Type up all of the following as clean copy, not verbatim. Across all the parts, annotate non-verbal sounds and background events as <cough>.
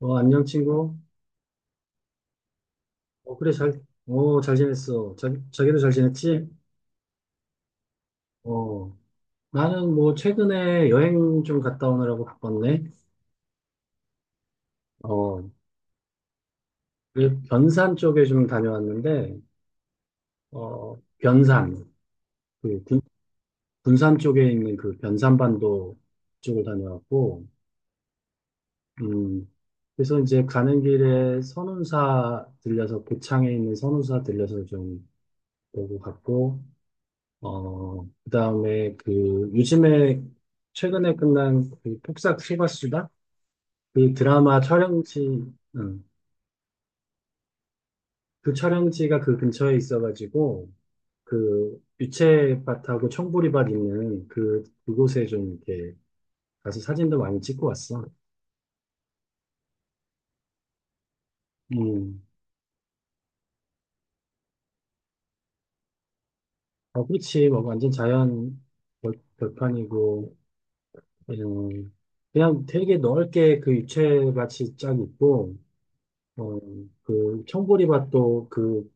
어, 안녕, 친구. 어, 그래, 잘, 어, 잘 지냈어. 자, 자기도 잘 지냈지? 어, 나는 뭐, 최근에 여행 좀 갔다 오느라고 바빴네. 어, 그 변산 쪽에 좀 다녀왔는데, 어, 변산, 그 군, 군산 쪽에 있는 그 변산반도 쪽을 다녀왔고. 음, 그래서 이제 가는 길에 선운사 들려서, 고창에 있는 선운사 들려서 좀 보고 갔고, 어, 그다음에 그 요즘에 최근에 끝난 그 폭싹 소가수다? 그 드라마 촬영지, 응. 그 촬영지가 그 근처에 있어가지고 그 유채밭하고 청보리밭 있는 그 그곳에 좀 이렇게 가서 사진도 많이 찍고 왔어. 음. 아, 그렇지. 뭐 완전 자연 벌판이고. 음, 그냥 되게 넓게 그 유채밭이 쫙 있고 어, 그 청보리밭도 그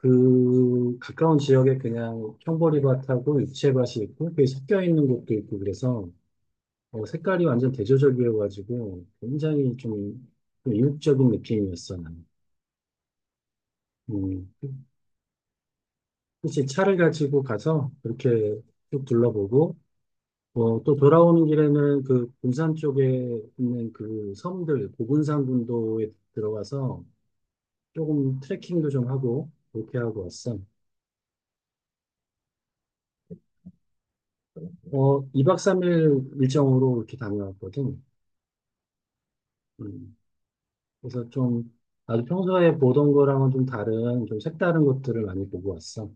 그 가까운 지역에 그냥 형보리밭하고 육채밭이 있고 그게 섞여 있는 곳도 있고 그래서 어, 색깔이 완전 대조적이어가지고 굉장히 좀, 좀 이국적인 느낌이었어 나는. 음, 혹시 차를 가지고 가서 그렇게 쭉 둘러보고 어, 또 돌아오는 길에는 그 군산 쪽에 있는 그 섬들 고군산 군도에 들어가서 조금 트레킹도 좀 하고 그렇게 하고 왔어. 어, 2박 3일 일정으로 이렇게 다녀왔거든. 음, 그래서 좀 아주 평소에 보던 거랑은 좀 다른 좀 색다른 것들을 많이 보고 왔어.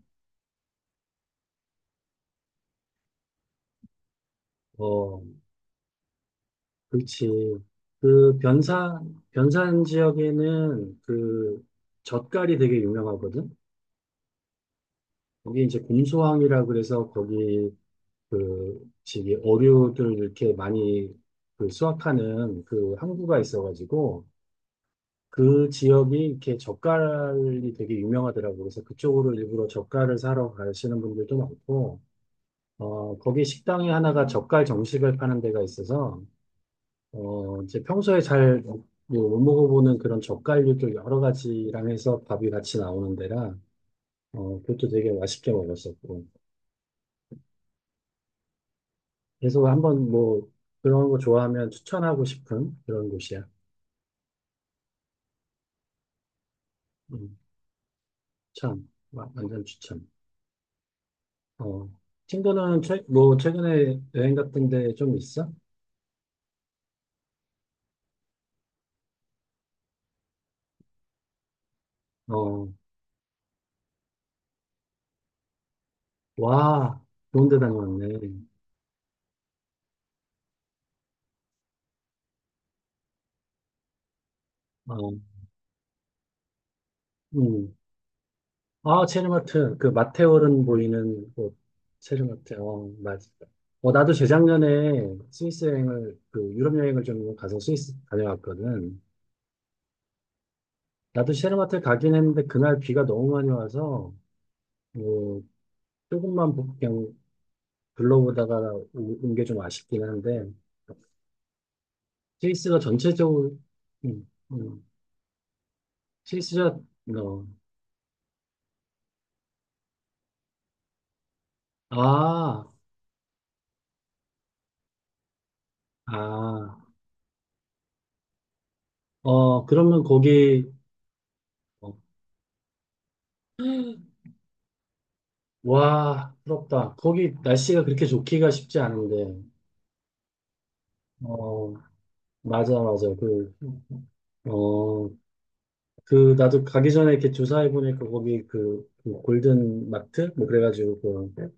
어, 그렇지. 그 변산 지역에는 그 젓갈이 되게 유명하거든. 거기 이제 곰소항이라 그래서 거기 그 지기 어류들 이렇게 많이 그 수확하는 그 항구가 있어가지고 그 지역이 이렇게 젓갈이 되게 유명하더라고. 그래서 그쪽으로 일부러 젓갈을 사러 가시는 분들도 많고. 어, 거기 식당이 하나가 젓갈 정식을 파는 데가 있어서, 어, 이제 평소에 잘 뭐 못 먹어보는 그런 젓갈류도 여러 가지랑 해서 밥이 같이 나오는 데라, 어, 그것도 되게 맛있게 먹었었고. 그래서 한번 뭐, 그런 거 좋아하면 추천하고 싶은 그런 곳이야. 음, 참, 와, 완전 추천. 어, 친구는 최근에 여행 같은 데 좀 있어? 어, 와, 좋은 데 다녀왔네. 어, 음. 아, 체르마트. 그 마테오른 보이는 곳. 체르마트. 어, 맞아. 어, 나도 재작년에 스위스 여행을, 그 유럽 여행을 좀 가서 스위스 다녀왔거든. 나도 체르마트 가긴 했는데 그날 비가 너무 많이 와서, 뭐, 조금만 그냥 둘러보다가 온 게 좀 아쉽긴 한데, 스위스가 전체적으로, 음, 음, 스위스가, 어, 아, 아, 어, 그러면 거기, 어, 와, 부럽다. 거기 날씨가 그렇게 좋기가 쉽지 않은데. 어, 맞아, 맞아. 그, 어, 그, 나도 가기 전에 이렇게 조사해보니까 거기 그, 그 골든 마트? 뭐 그래가지고 그,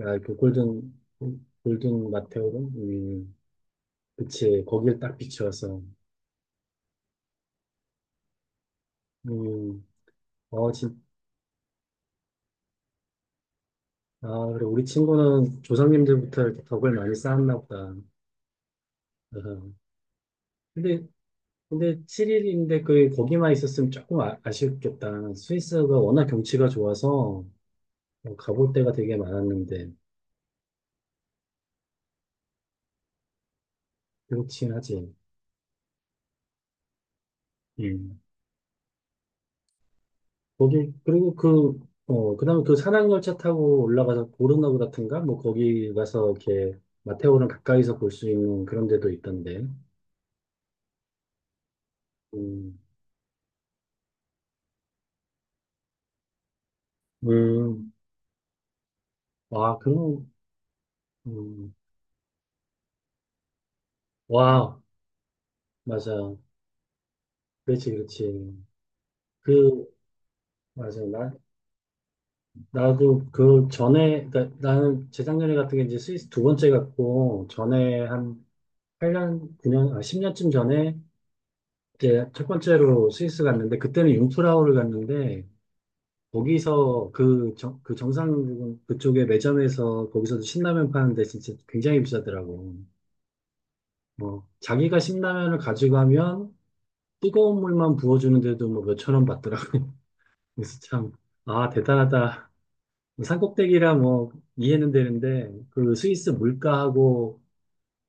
야, 그 골든, 골든 마테오름? 그치. 거길 딱 비추어서. 음, 어, 진, 아, 그래. 우리 친구는 조상님들부터 이렇게 덕을 많이 쌓았나 보다. <laughs> 어허. 근데 근데 7일인데 그 거기만 있었으면 조금 아, 아쉽겠다. 스위스가 워낙 경치가 좋아서 어, 가볼 데가 되게 많았는데 그렇긴 하지. 음. 거기 그리고 그 어, 그다음에 그 산악열차 타고 올라가서 고르노브 같은가 뭐 거기 가서 이렇게 마테오를 가까이서 볼 수 있는 그런 데도 있던데. 음. 음, 와, 그럼, 음, 와, 맞아. 그렇지, 그렇지. 그, 맞아. 나 나도 그 전에, 그러니까 나는 재작년에 같은 게 이제 스위스 두 번째 갔고, 전에 한 8년, 9년, 아, 10년쯤 전에 이제 첫 번째로 스위스 갔는데, 그때는 융프라우를 갔는데, 거기서 그, 정, 그 정상 부분 그쪽에 매점에서 거기서도 신라면 파는데 진짜 굉장히 비싸더라고. 뭐, 자기가 신라면을 가지고 하면 뜨거운 물만 부어주는데도 뭐 몇천 원 받더라고. <laughs> 그래서 참, 아, 대단하다. 뭐 산꼭대기라 뭐 이해는 되는데 그 스위스 물가하고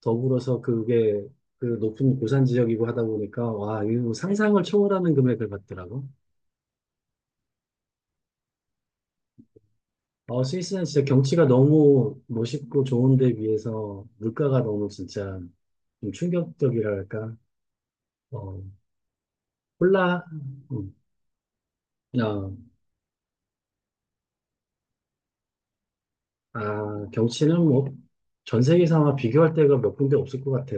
더불어서 그게 그 높은 고산 지역이고 하다 보니까 와, 이거 상상을 초월하는 금액을 받더라고. 어, 스위스는 진짜 경치가 너무 멋있고 좋은데 비해서 물가가 너무 진짜 좀 충격적이랄까. 어, 콜라, 음, 어, 아, 경치는 뭐 전 세계에서 아마 비교할 데가 몇 군데 없을 것 같아.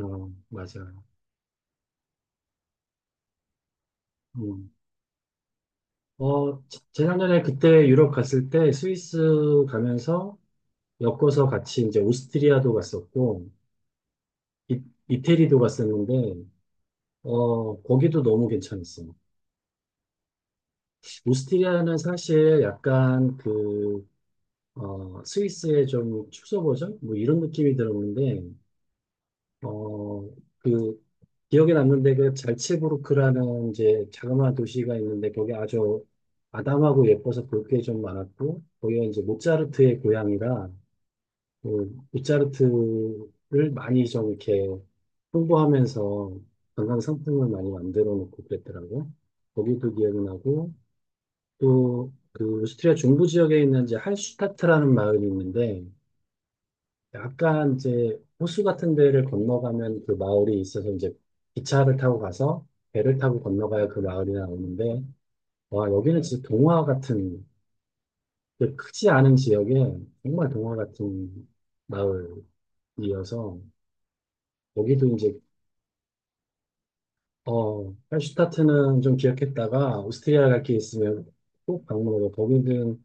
어, 맞아. 음. 어, 재작년에 그때 유럽 갔을 때 스위스 가면서 엮어서 같이 이제 오스트리아도 갔었고, 이, 이태리도 갔었는데, 어, 거기도 너무 괜찮았어요. 오스트리아는 사실 약간 그, 어, 스위스의 좀 축소 버전? 뭐 이런 느낌이 들었는데, 어, 그, 기억에 남는 데가 잘츠부르크라는 이제 자그마한 도시가 있는데, 거기 아주 아담하고 예뻐서 볼 게 좀 많았고, 거기가 이제 모차르트의 고향이라, 그모르트를 많이 좀 이렇게 홍보하면서 관광 상품을 많이 만들어 놓고 그랬더라고요. 거기도 기억나고 또 그 오스트리아 중부 지역에 있는 이제 할슈타트라는 마을이 있는데 약간 이제 호수 같은 데를 건너가면 그 마을이 있어서 이제 기차를 타고 가서 배를 타고 건너가야 그 마을이 나오는데 와 여기는 진짜 동화 같은 크지 않은 지역에 정말 동화 같은 마을이어서 여기도 이제 어, 할슈타트는 좀 기억했다가 오스트리아 갈 게 있으면 꼭 방문하고 거기는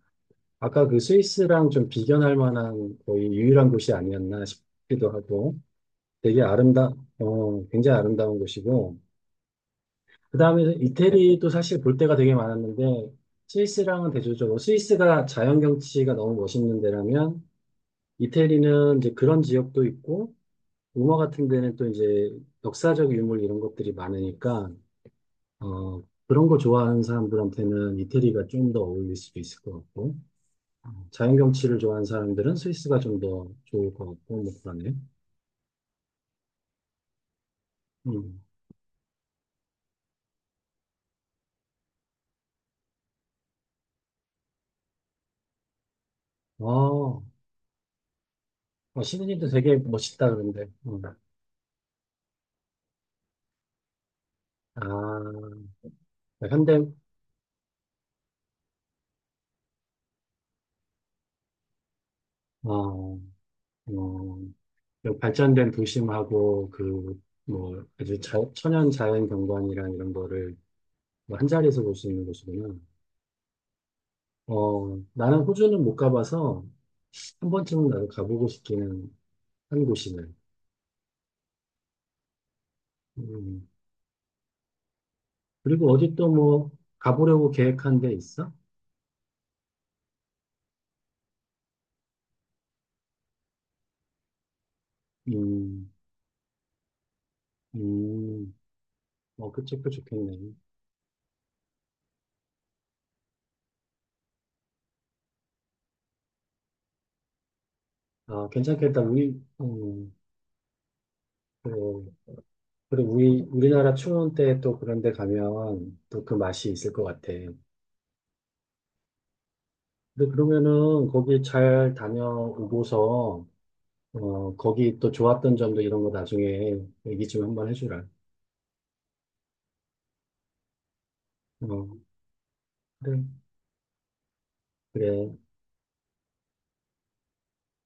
아까 그 스위스랑 좀 비견할 만한 거의 유일한 곳이 아니었나 싶기도 하고 되게 아름다, 어, 굉장히 아름다운 곳이고 그다음에 이태리도 사실 볼 데가 되게 많았는데 스위스랑은 대조적으로 스위스가 자연 경치가 너무 멋있는 데라면 이태리는 이제 그런 지역도 있고 로마 같은 데는 또 이제 역사적 유물 이런 것들이 많으니까 어, 그런 거 좋아하는 사람들한테는 이태리가 좀 더 어울릴 수도 있을 것 같고, 자연 경치를 좋아하는 사람들은 스위스가 좀 더 좋을 것 같고, 뭐 그러네. 음. 아, 어, 시드니도 되게 멋있다, 그런데. 음. 아, 현대, 어, 어, 그 발전된 도심하고, 그, 뭐, 아주 자, 천연 자연 경관이랑 이런 거를 뭐 한자리에서 볼 수 있는 곳이구나. 어, 나는 호주는 못 가봐서 한 번쯤은 나도 가보고 싶기는 한 곳이네. 음. 그리고 어디 또 뭐 가보려고 계획한 데 있어? 음, 음, 어, 그치, 그 책도 좋겠네. 아, 괜찮겠다. 우리, 음, 그, 그리고 우리나라 추운 때 또 그런 데 가면 또 그 맛이 있을 것 같아. 근데 그러면은 거기 잘 다녀오고서, 어, 거기 또 좋았던 점도 이런 거 나중에 얘기 좀 한번 해주라. 어, 그래, 그래.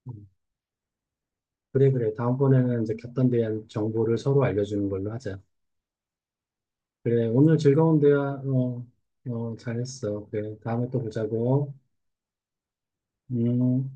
음, 그래, 그래. 다음번에는 이제 갔던 데 대한 정보를 서로 알려주는 걸로 하자. 그래, 오늘 즐거운 대화, 어, 어, 잘했어. 그래, 다음에 또 보자고. 음.